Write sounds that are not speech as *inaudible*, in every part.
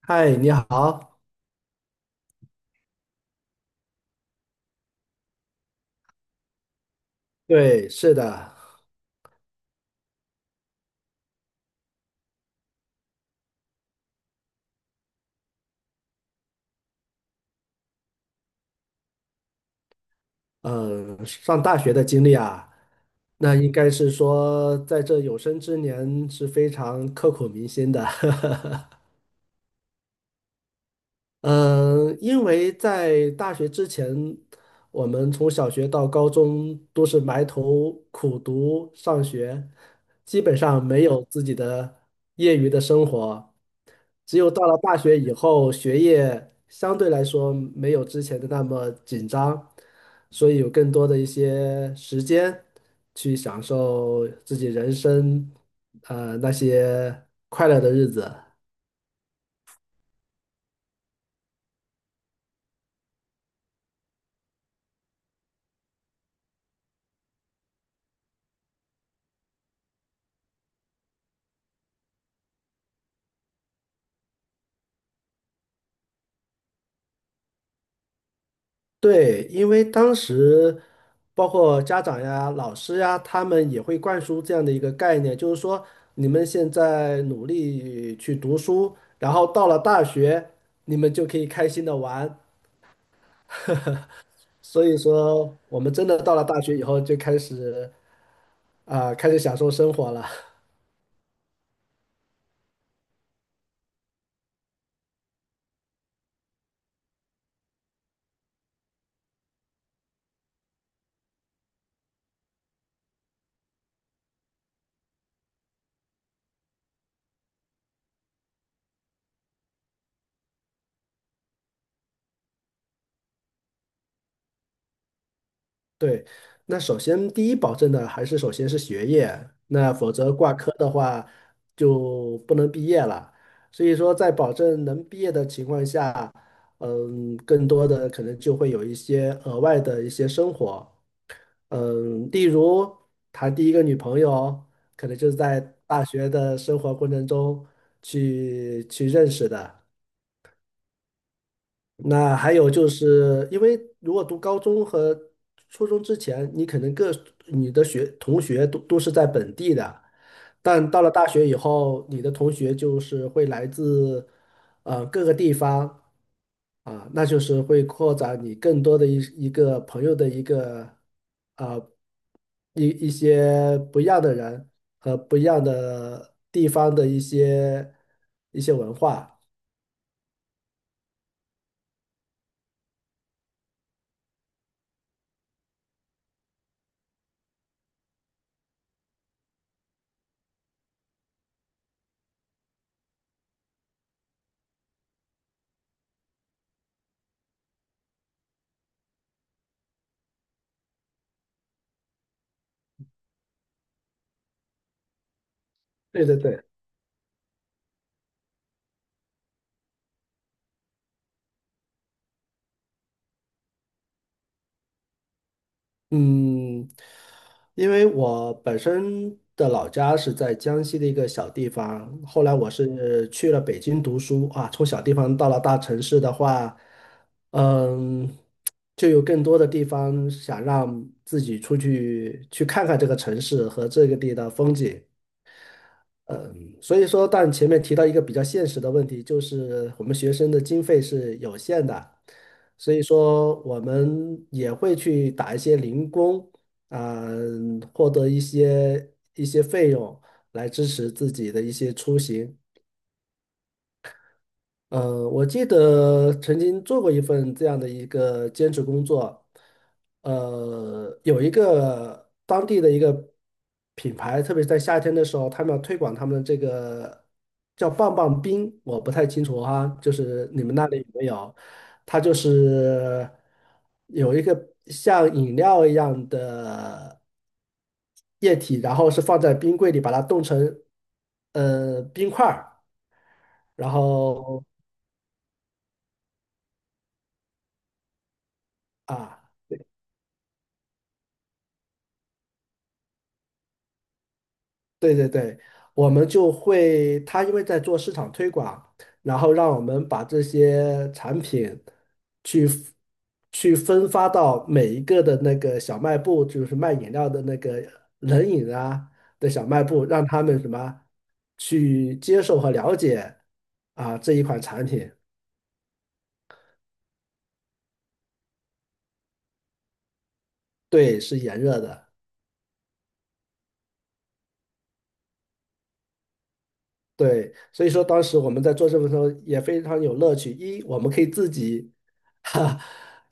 嗨，你好。对，是的，嗯，上大学的经历啊，那应该是说在这有生之年是非常刻骨铭心的。*laughs* 因为在大学之前，我们从小学到高中都是埋头苦读上学，基本上没有自己的业余的生活。只有到了大学以后，学业相对来说没有之前的那么紧张，所以有更多的一些时间去享受自己人生，那些快乐的日子。对，因为当时包括家长呀、老师呀，他们也会灌输这样的一个概念，就是说你们现在努力去读书，然后到了大学，你们就可以开心的玩。*laughs* 所以说，我们真的到了大学以后，就开始享受生活了。对，那首先第一保证的还是首先是学业，那否则挂科的话就不能毕业了。所以说，在保证能毕业的情况下，更多的可能就会有一些额外的一些生活，例如谈第一个女朋友，可能就是在大学的生活过程中去认识的。那还有就是，因为如果读高中和初中之前，你可能你的同学都是在本地的，但到了大学以后，你的同学就是会来自各个地方啊，那就是会扩展你更多的一一个朋友的一个啊一一些不一样的人和不一样的地方的一些文化。对对对。嗯，因为我本身的老家是在江西的一个小地方，后来我是去了北京读书啊，从小地方到了大城市的话，嗯，就有更多的地方想让自己出去去看看这个城市和这个地的风景。嗯，所以说，但前面提到一个比较现实的问题，就是我们学生的经费是有限的，所以说我们也会去打一些零工，啊、获得一些费用来支持自己的一些出行。我记得曾经做过一份这样的一个兼职工作，有一个当地的一个品牌，特别是在夏天的时候，他们要推广他们的这个叫棒棒冰，我不太清楚哈，就是你们那里有没有？它就是有一个像饮料一样的液体，然后是放在冰柜里，把它冻成冰块儿，然后。啊。对对对，我们就会，他因为在做市场推广，然后让我们把这些产品去去分发到每一个的那个小卖部，就是卖饮料的那个冷饮啊的小卖部，让他们什么去接受和了解啊这一款产品，对，是炎热的。对，所以说当时我们在做这份时候也非常有乐趣。一，我们可以自己，哈，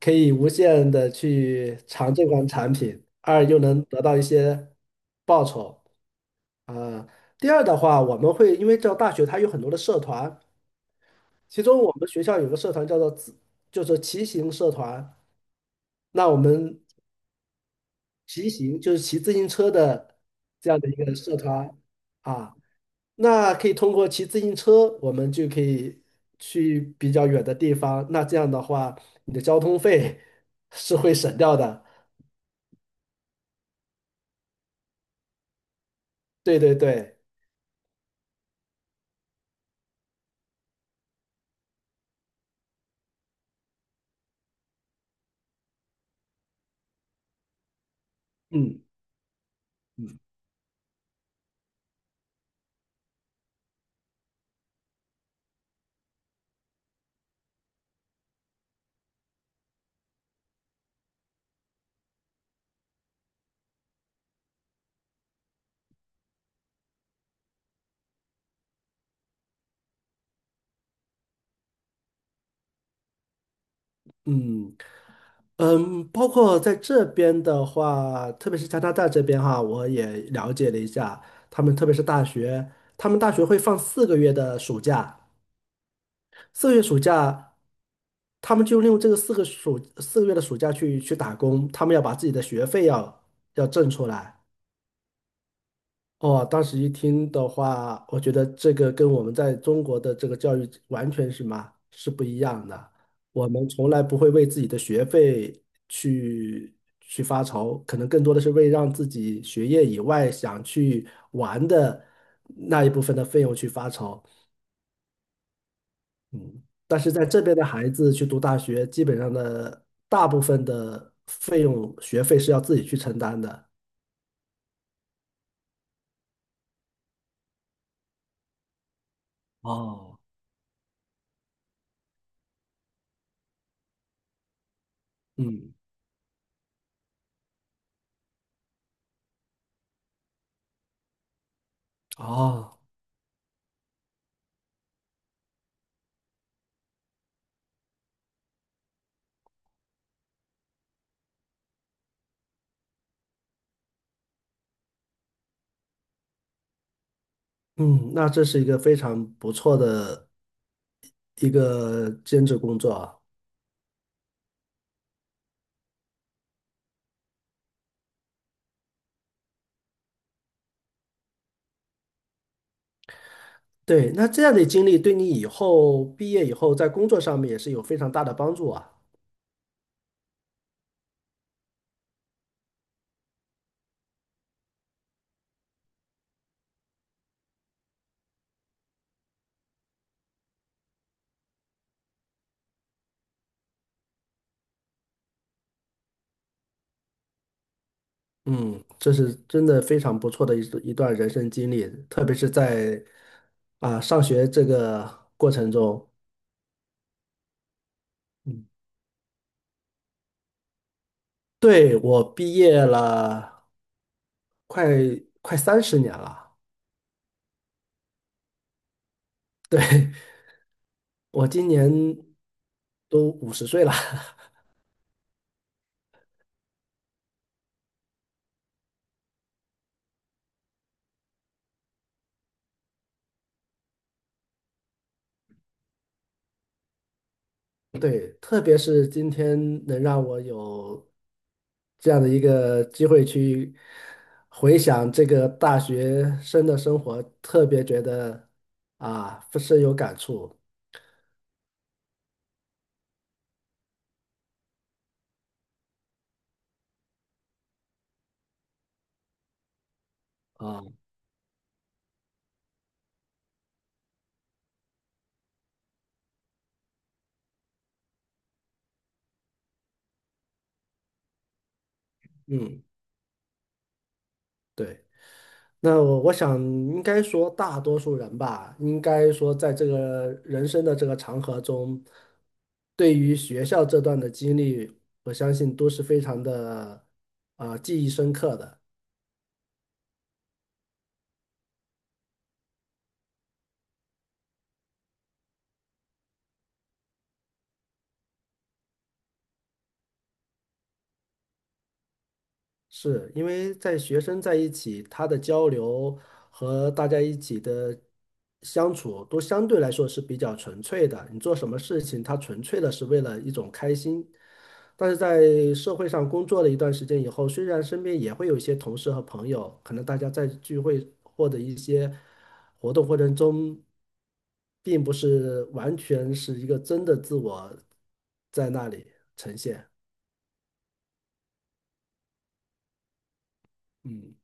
可以无限的去尝这款产品；二，又能得到一些报酬啊。第二的话，我们会因为这大学它有很多的社团，其中我们学校有个社团叫做就是骑行社团。那我们骑行就是骑自行车的这样的一个社团啊。那可以通过骑自行车，我们就可以去比较远的地方。那这样的话，你的交通费 *laughs* 是会省掉的。对对对，嗯嗯嗯，包括在这边的话，特别是加拿大这边哈，我也了解了一下，他们特别是大学，他们大学会放四个月的暑假，四个月暑假，他们就利用这个四个月的暑假去打工，他们要把自己的学费要挣出来。哦，当时一听的话，我觉得这个跟我们在中国的这个教育完全是不一样的。我们从来不会为自己的学费去发愁，可能更多的是为让自己学业以外想去玩的那一部分的费用去发愁。嗯，但是在这边的孩子去读大学，基本上的大部分的费用学费是要自己去承担的。哦，嗯，哦。嗯，那这是一个非常不错的一个兼职工作啊。对，那这样的经历对你以后毕业以后在工作上面也是有非常大的帮助啊。嗯，这是真的非常不错的一段人生经历，特别是在上学这个过程中。嗯，对，我毕业了快快30年了，对，*laughs* 我今年都50岁了。*laughs* 对，特别是今天能让我有这样的一个机会去回想这个大学生的生活，特别觉得啊，深有感触啊。嗯，对。那我想，应该说大多数人吧，应该说在这个人生的这个长河中，对于学校这段的经历，我相信都是非常的记忆深刻的。是因为在学生在一起，他的交流和大家一起的相处都相对来说是比较纯粹的。你做什么事情，他纯粹的是为了一种开心。但是在社会上工作了一段时间以后，虽然身边也会有一些同事和朋友，可能大家在聚会或者一些活动过程中，并不是完全是一个真的自我在那里呈现。嗯。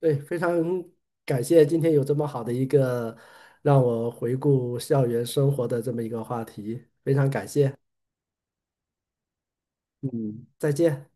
对，非常感谢今天有这么好的一个让我回顾校园生活的这么一个话题，非常感谢。嗯，再见。